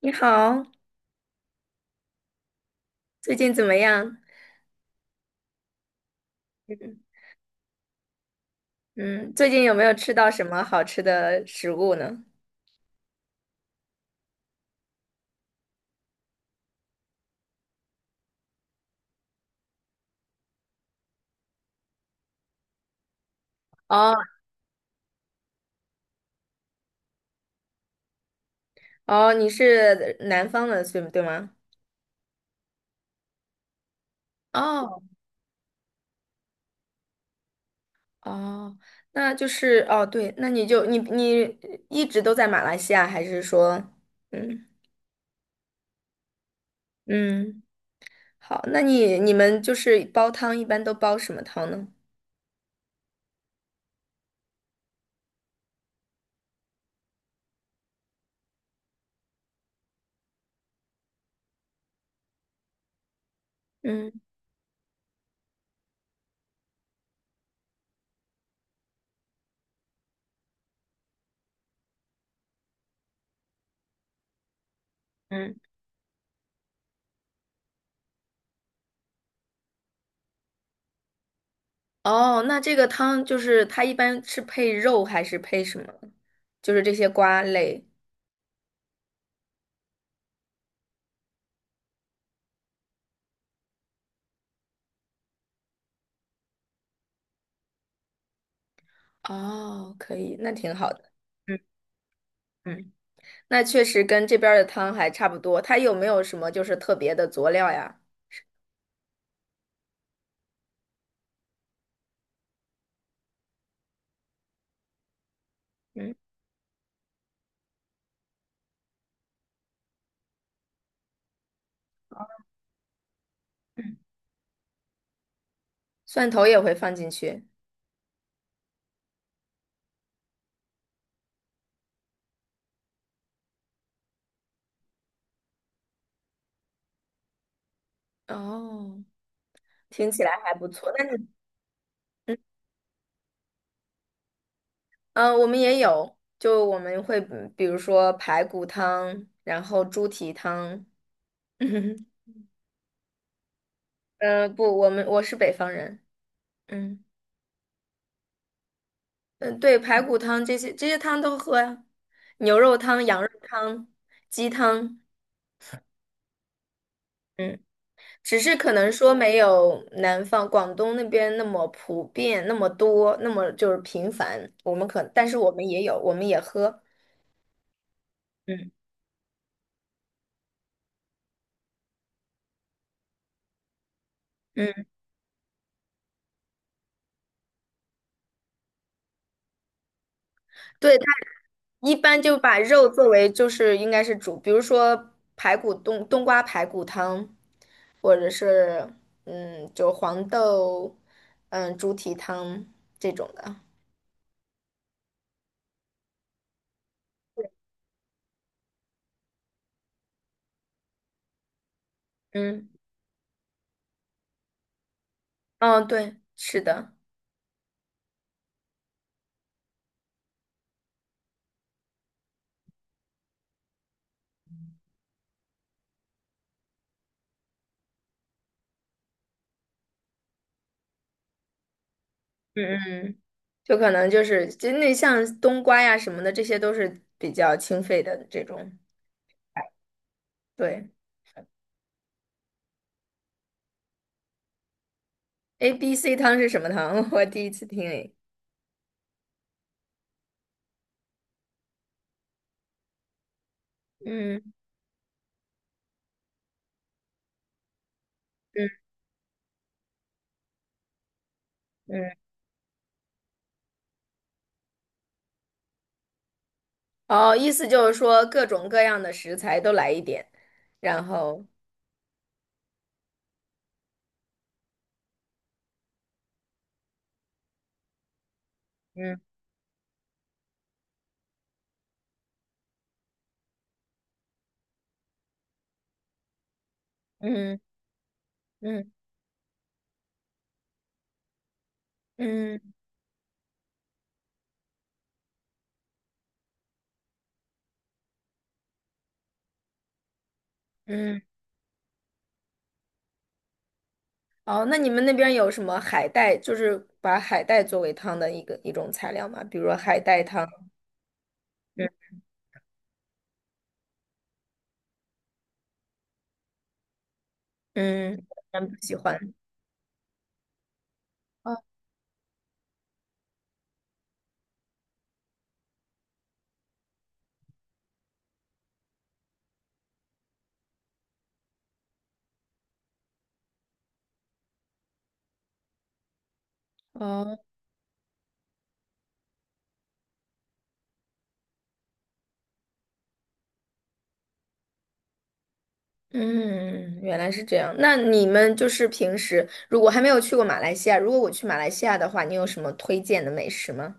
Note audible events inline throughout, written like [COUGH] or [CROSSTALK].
你好，最近怎么样？嗯嗯，最近有没有吃到什么好吃的食物呢？哦，哦，你是南方的，对对吗？哦哦，那就是哦，对，那你就你你一直都在马来西亚，还是说，嗯，嗯，好，那你们就是煲汤一般都煲什么汤呢？嗯嗯，哦，那这个汤就是它一般是配肉还是配什么？就是这些瓜类。哦，可以，那挺好的。嗯嗯，那确实跟这边儿的汤还差不多。它有没有什么就是特别的佐料呀？嗯，蒜头也会放进去。哦，听起来还不错。但是，我们也有，就我们会嗯比如说排骨汤，然后猪蹄汤。[LAUGHS] 嗯，不，我是北方人。嗯，嗯，呃对，排骨汤这些汤都喝呀，牛肉汤、羊肉汤、鸡汤。嗯。只是可能说没有南方广东那边那么普遍，那么多，那么就是频繁。我们可，但是我们也有，我们也喝。嗯，嗯，对，它一般就把肉作为就是应该是煮，比如说排骨冬瓜排骨汤，或者是嗯，就黄豆嗯猪蹄汤这种的。嗯，哦，对，是的，嗯。嗯。就可能就是就那像冬瓜呀什么的，这些都是比较清肺的这种。对，A B C 汤是什么汤？[LAUGHS] 我第一次听诶。嗯。嗯嗯。哦，意思就是说各种各样的食材都来一点，然后嗯嗯嗯嗯嗯。哦，那你们那边有什么海带？就是把海带作为汤的一种材料吗？比如说海带汤。嗯，嗯，咱不喜欢。哦哦。嗯，原来是这样。那你们就是平时如果还没有去过马来西亚，如果我去马来西亚的话，你有什么推荐的美食吗？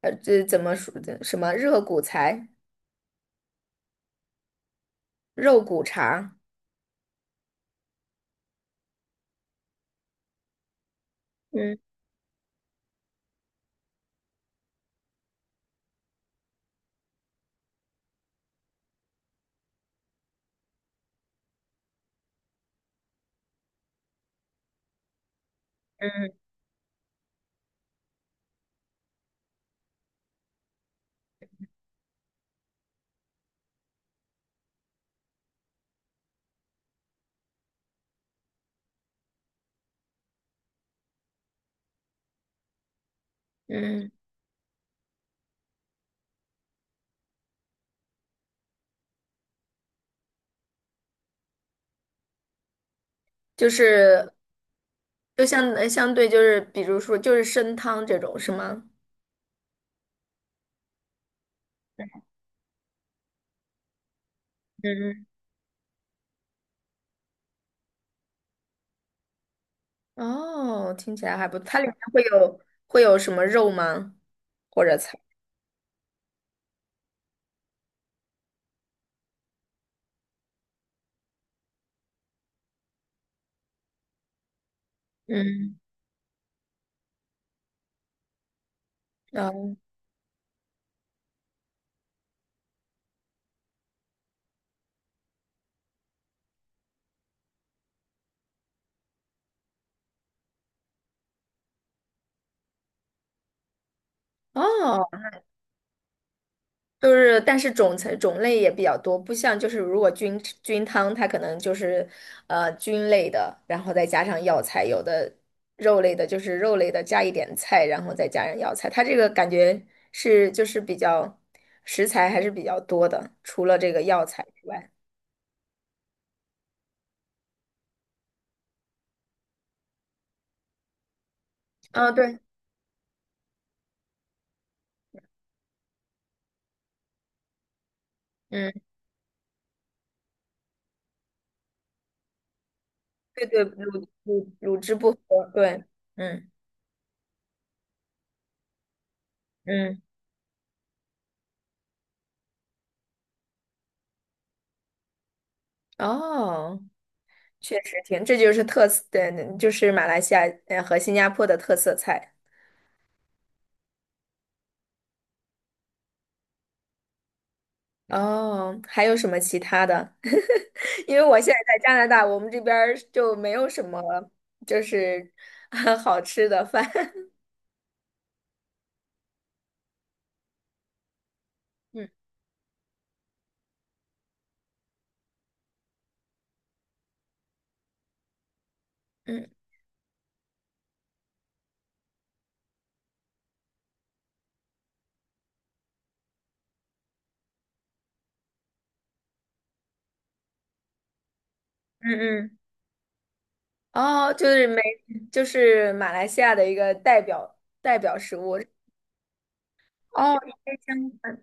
这怎么说的？什么热骨材、肉骨茶？嗯，嗯，嗯，就是就相对就是比如说就是参汤这种是吗？嗯嗯，哦，听起来还不错。它里面会有会有什么肉吗？或者菜？嗯，哦哦，就是，但是种类也比较多，不像就是如果菌汤，它可能就是，菌类的，然后再加上药材，有的肉类的，就是肉类的加一点菜，然后再加上药材，它这个感觉是就是比较食材还是比较多的，除了这个药材之外，啊，对，嗯，对对，卤汁不合，对，嗯，嗯，哦，确实挺，这就是特色，对，就是马来西亚和新加坡的特色菜。哦，还有什么其他的？[LAUGHS] 因为我现在在加拿大，我们这边儿就没有什么就是 [LAUGHS] 好吃的饭。[LAUGHS] 嗯嗯嗯嗯，哦，就是没，就是马来西亚的一个代表食物。哦，椰浆饭。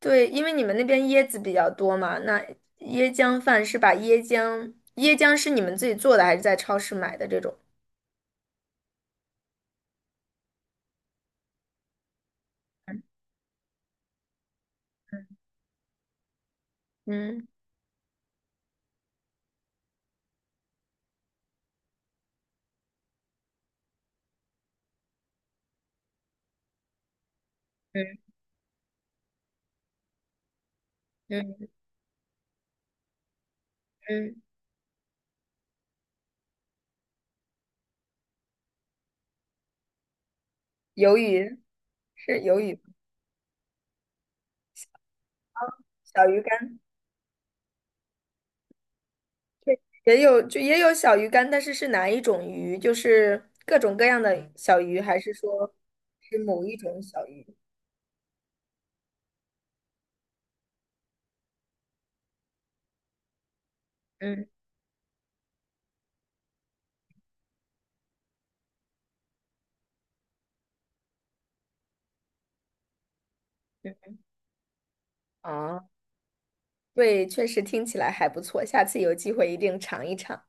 对，因为你们那边椰子比较多嘛，那椰浆饭是把椰浆，椰浆是你们自己做的还是在超市买的这种？嗯嗯嗯嗯嗯，鱿鱼是鱿鱼，小鱼干。也有就也有小鱼干，但是是哪一种鱼？就是各种各样的小鱼，还是说是某一种小鱼？嗯，啊，对，确实听起来还不错，下次有机会一定尝一尝。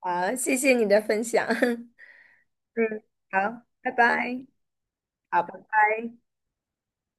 啊！谢谢你的分享。[LAUGHS] 嗯，好，拜拜。好，拜拜。